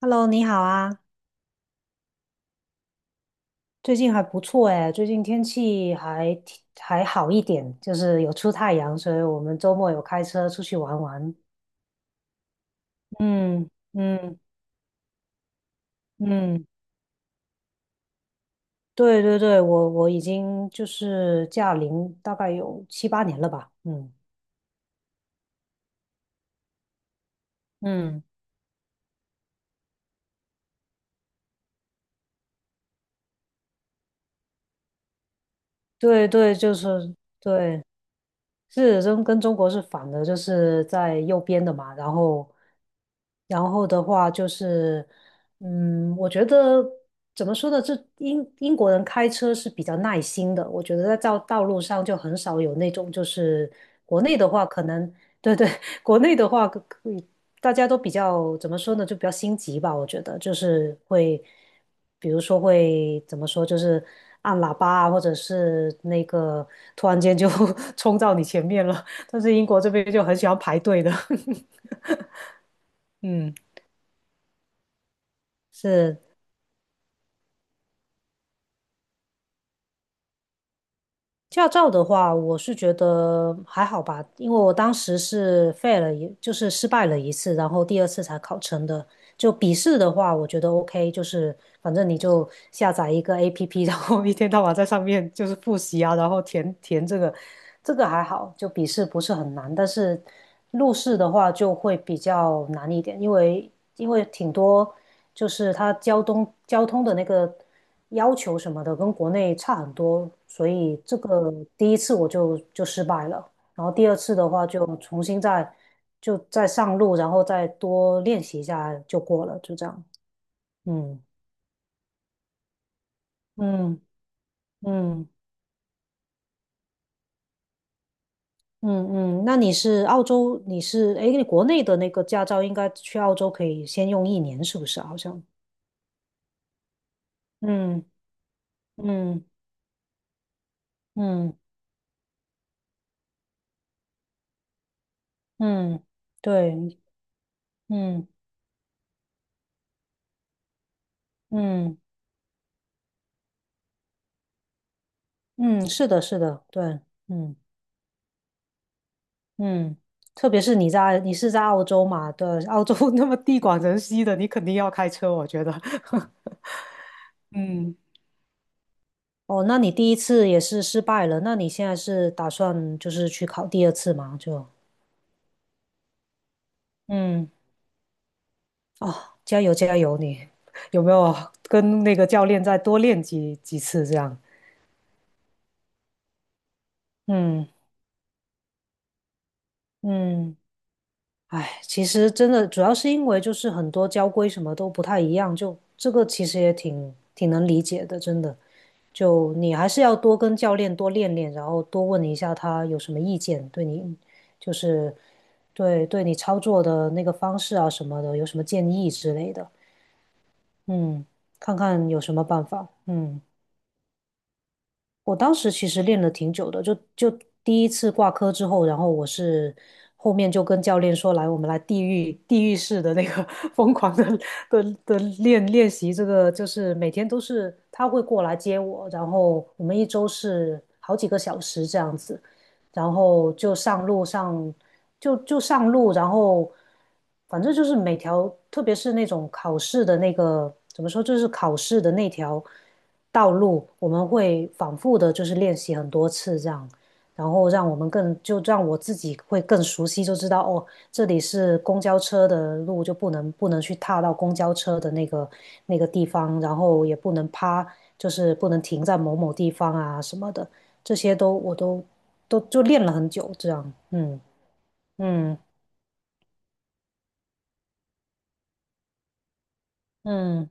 Hello,你好啊。最近还不错哎，最近天气还挺好一点，就是有出太阳，所以我们周末有开车出去玩玩。嗯嗯嗯，对对对，我已经就是驾龄大概有七八年了吧。嗯嗯，对对，就是对。是中跟中国是反的，就是在右边的嘛。然后的话就是，我觉得怎么说呢？这英国人开车是比较耐心的，我觉得在道路上就很少有那种就是国内的话，可能对对。国内的话可以大家都比较怎么说呢？就比较心急吧，我觉得就是会。比如说会怎么说，就是按喇叭啊，或者是那个突然间就 冲到你前面了。但是英国这边就很喜欢排队的。嗯，是。驾照的话，我是觉得还好吧，因为我当时是废了一，就是失败了一次，然后第二次才考成的。就笔试的话，我觉得 OK，就是反正你就下载一个 APP，然后一天到晚在上面就是复习啊，然后填这个，这个还好，就笔试不是很难，但是路试的话就会比较难一点，因为因为挺多就是它交通的那个。要求什么的跟国内差很多，所以这个第一次我就失败了，然后第二次的话就重新再就再上路，然后再多练习一下就过了，就这样。嗯嗯嗯嗯嗯，那你是澳洲，你是诶，你国内的那个驾照应该去澳洲可以先用一年，是不是啊？好像，嗯嗯嗯嗯，对，嗯嗯嗯，是的，是的，对，嗯。嗯，特别是你是在澳洲嘛，对，澳洲 那么地广人稀的，你肯定要开车，我觉得。嗯，哦，那你第一次也是失败了，那你现在是打算就是去考第二次吗？就，嗯，哦，加油加油你。有没有跟那个教练再多练几次这样？嗯嗯，哎，其实真的主要是因为就是很多交规什么都不太一样，就这个其实也挺能理解的，真的。就你还是要多跟教练多练练，然后多问一下他有什么意见，对你就是对你操作的那个方式啊什么的，有什么建议之类的。嗯，看看有什么办法。嗯。我当时其实练了挺久的，就第一次挂科之后，然后我是后面就跟教练说，来，我们来地狱式的那个 疯狂的的练习，这个就是每天都是他会过来接我，然后我们一周是好几个小时这样子，然后就上路上，就上路，然后反正就是每条，特别是那种考试的那个，怎么说，就是考试的那条道路，我们会反复的，就是练习很多次这样，然后让我们更，就让我自己会更熟悉，就知道哦，这里是公交车的路，就不能去踏到公交车的那个那个地方，然后也不能趴，就是不能停在某某地方啊什么的。这些我都就练了很久，这样。嗯嗯嗯，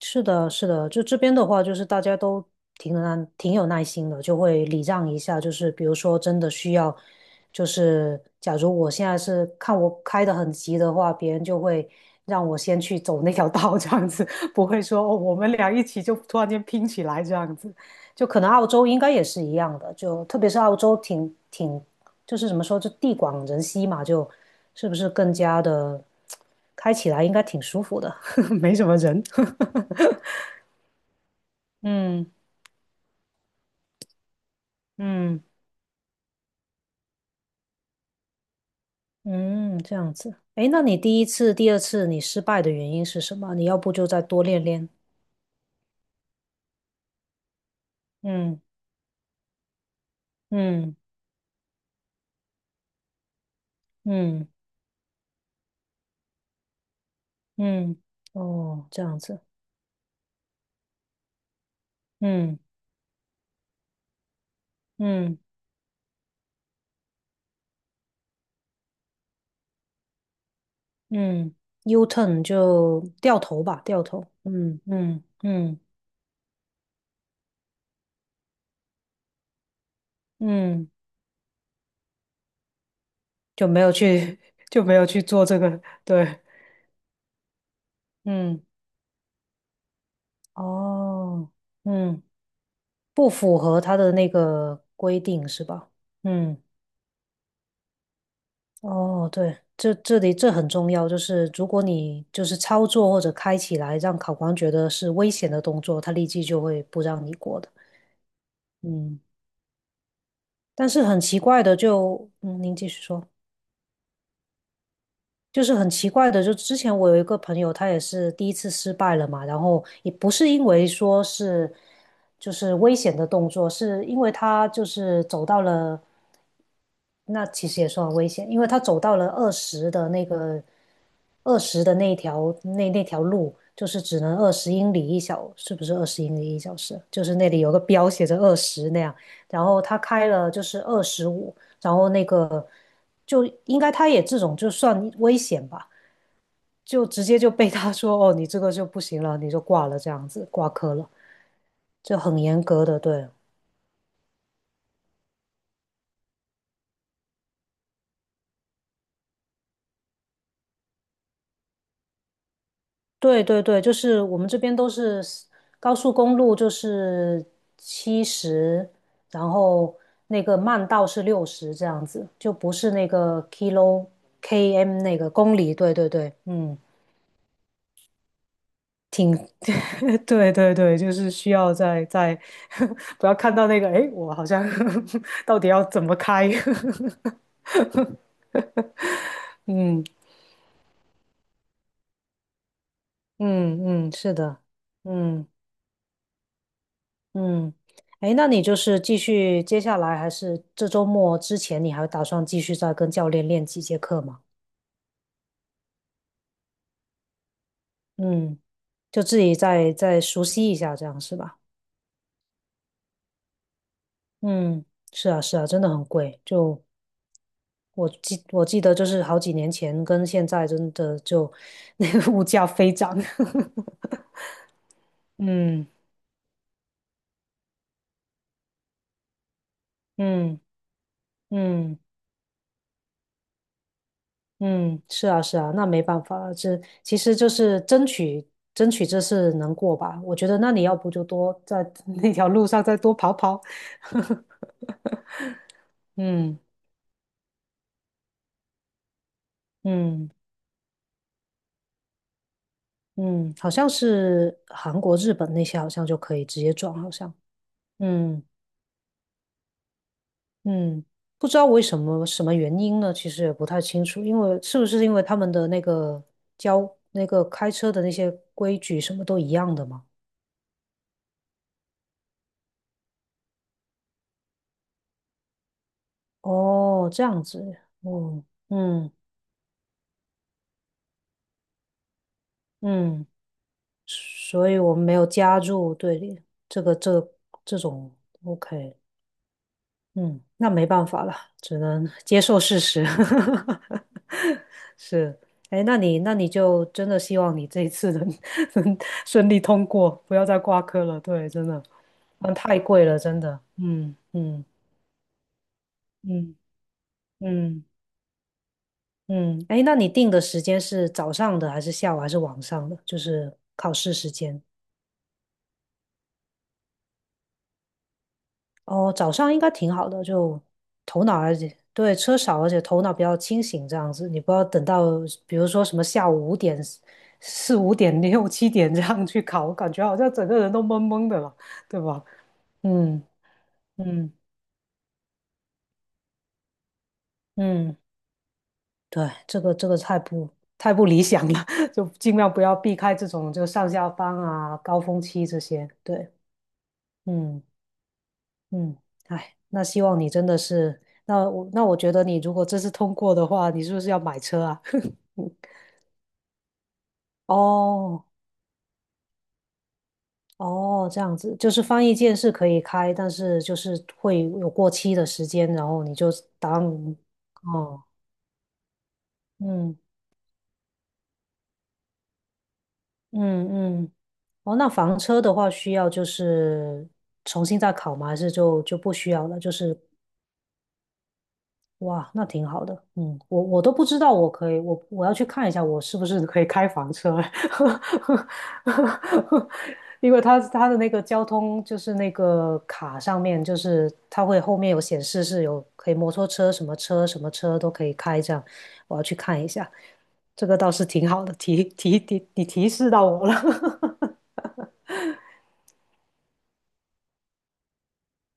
是的，是的，就这边的话，就是大家都挺有耐挺有耐心的，就会礼让一下，就是比如说真的需要，就是假如我现在是看我开的很急的话，别人就会让我先去走那条道，这样子。不会说哦，我们俩一起就突然间拼起来这样子，就可能澳洲应该也是一样的，就特别是澳洲挺就是怎么说，就地广人稀嘛，就是不是更加的开起来应该挺舒服的。没什么人。嗯嗯嗯，这样子。诶，那你第一次、第二次你失败的原因是什么？你要不就再多练练。嗯嗯嗯嗯，哦，这样子。嗯嗯嗯，U turn 就掉头吧，掉头。嗯嗯嗯嗯，就没有去 就没有去做这个。对，嗯，哦，嗯，不符合他的那个规定是吧？嗯，哦，对，这里这很重要，就是如果你就是操作或者开起来让考官觉得是危险的动作，他立即就会不让你过的。嗯，但是很奇怪的就，嗯，您继续说。就是很奇怪的，就之前我有一个朋友，他也是第一次失败了嘛，然后也不是因为说是就是危险的动作，是因为他就是走到了。那其实也算危险，因为他走到了二十的那个二十的那一条那条路，就是只能二十英里一小，是不是二十英里一小时？就是那里有个标写着二十那样，然后他开了就是二十五，然后那个就应该他也这种就算危险吧，就直接就被他说哦，你这个就不行了，你就挂了这样子，挂科了，就很严格的。对。对对对，就是我们这边都是 高速公路，就是七十，然后那个慢道是六十这样子，就不是那个 km 那个公里。对对对。嗯，挺 对对对，就是需要在在 不要看到那个，诶，我好像 到底要怎么开？嗯嗯嗯，是的。嗯。嗯，哎，那你就是继续接下来，还是这周末之前，你还打算继续再跟教练练几节课吗？嗯，就自己再熟悉一下，这样是吧？嗯，是啊，是啊，真的很贵。就我记得，就是好几年前跟现在，真的就 那个物价飞涨。嗯嗯嗯。嗯，是啊，是啊，那没办法了，这其实就是争取这次能过吧。我觉得那你要不就多在 那条路上再多跑跑。嗯嗯嗯，好像是韩国、日本那些好像就可以直接转，好像。嗯嗯，不知道为什么什么原因呢？其实也不太清楚，因为是不是因为他们的那个交那个开车的那些规矩什么都一样的嘛？哦，这样子，哦，嗯。嗯，所以我们没有加入队里，这个这这种 OK。嗯，那没办法了，只能 接受事实。是，哎，那你那你就真的希望你这一次能 能顺利通过，不要再挂科了。对，真的。嗯，太贵了，真的。嗯嗯嗯嗯嗯，哎，那你定的时间是早上的还是下午还是晚上的？就是考试时间。哦，早上应该挺好的，就头脑而且对车少，而且头脑比较清醒，这样子你不要等到比如说什么下午五点、四五点、六七点这样去考，感觉好像整个人都懵懵的了，对吧？嗯嗯嗯，对，这个太不理想了。就尽量不要避开这种就上下班啊、高峰期这些。对，嗯。嗯，哎，那希望你真的是，那我觉得你如果这次通过的话，你是不是要买车啊？哦哦，这样子就是翻译件是可以开，但是就是会有过期的时间，然后你就当哦，嗯嗯嗯，哦，那房车的话需要就是重新再考吗？还是就就不需要了？就是哇，那挺好的。嗯，我都不知道，我可以，我要去看一下，我是不是可以开房车。因为它的那个交通就是那个卡上面，就是它会后面有显示是有可以摩托车什么车什么车都可以开这样，我要去看一下。这个倒是挺好的，提示到我了。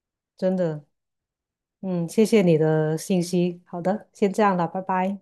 真的。嗯，谢谢你的信息。好的，先这样了，拜拜。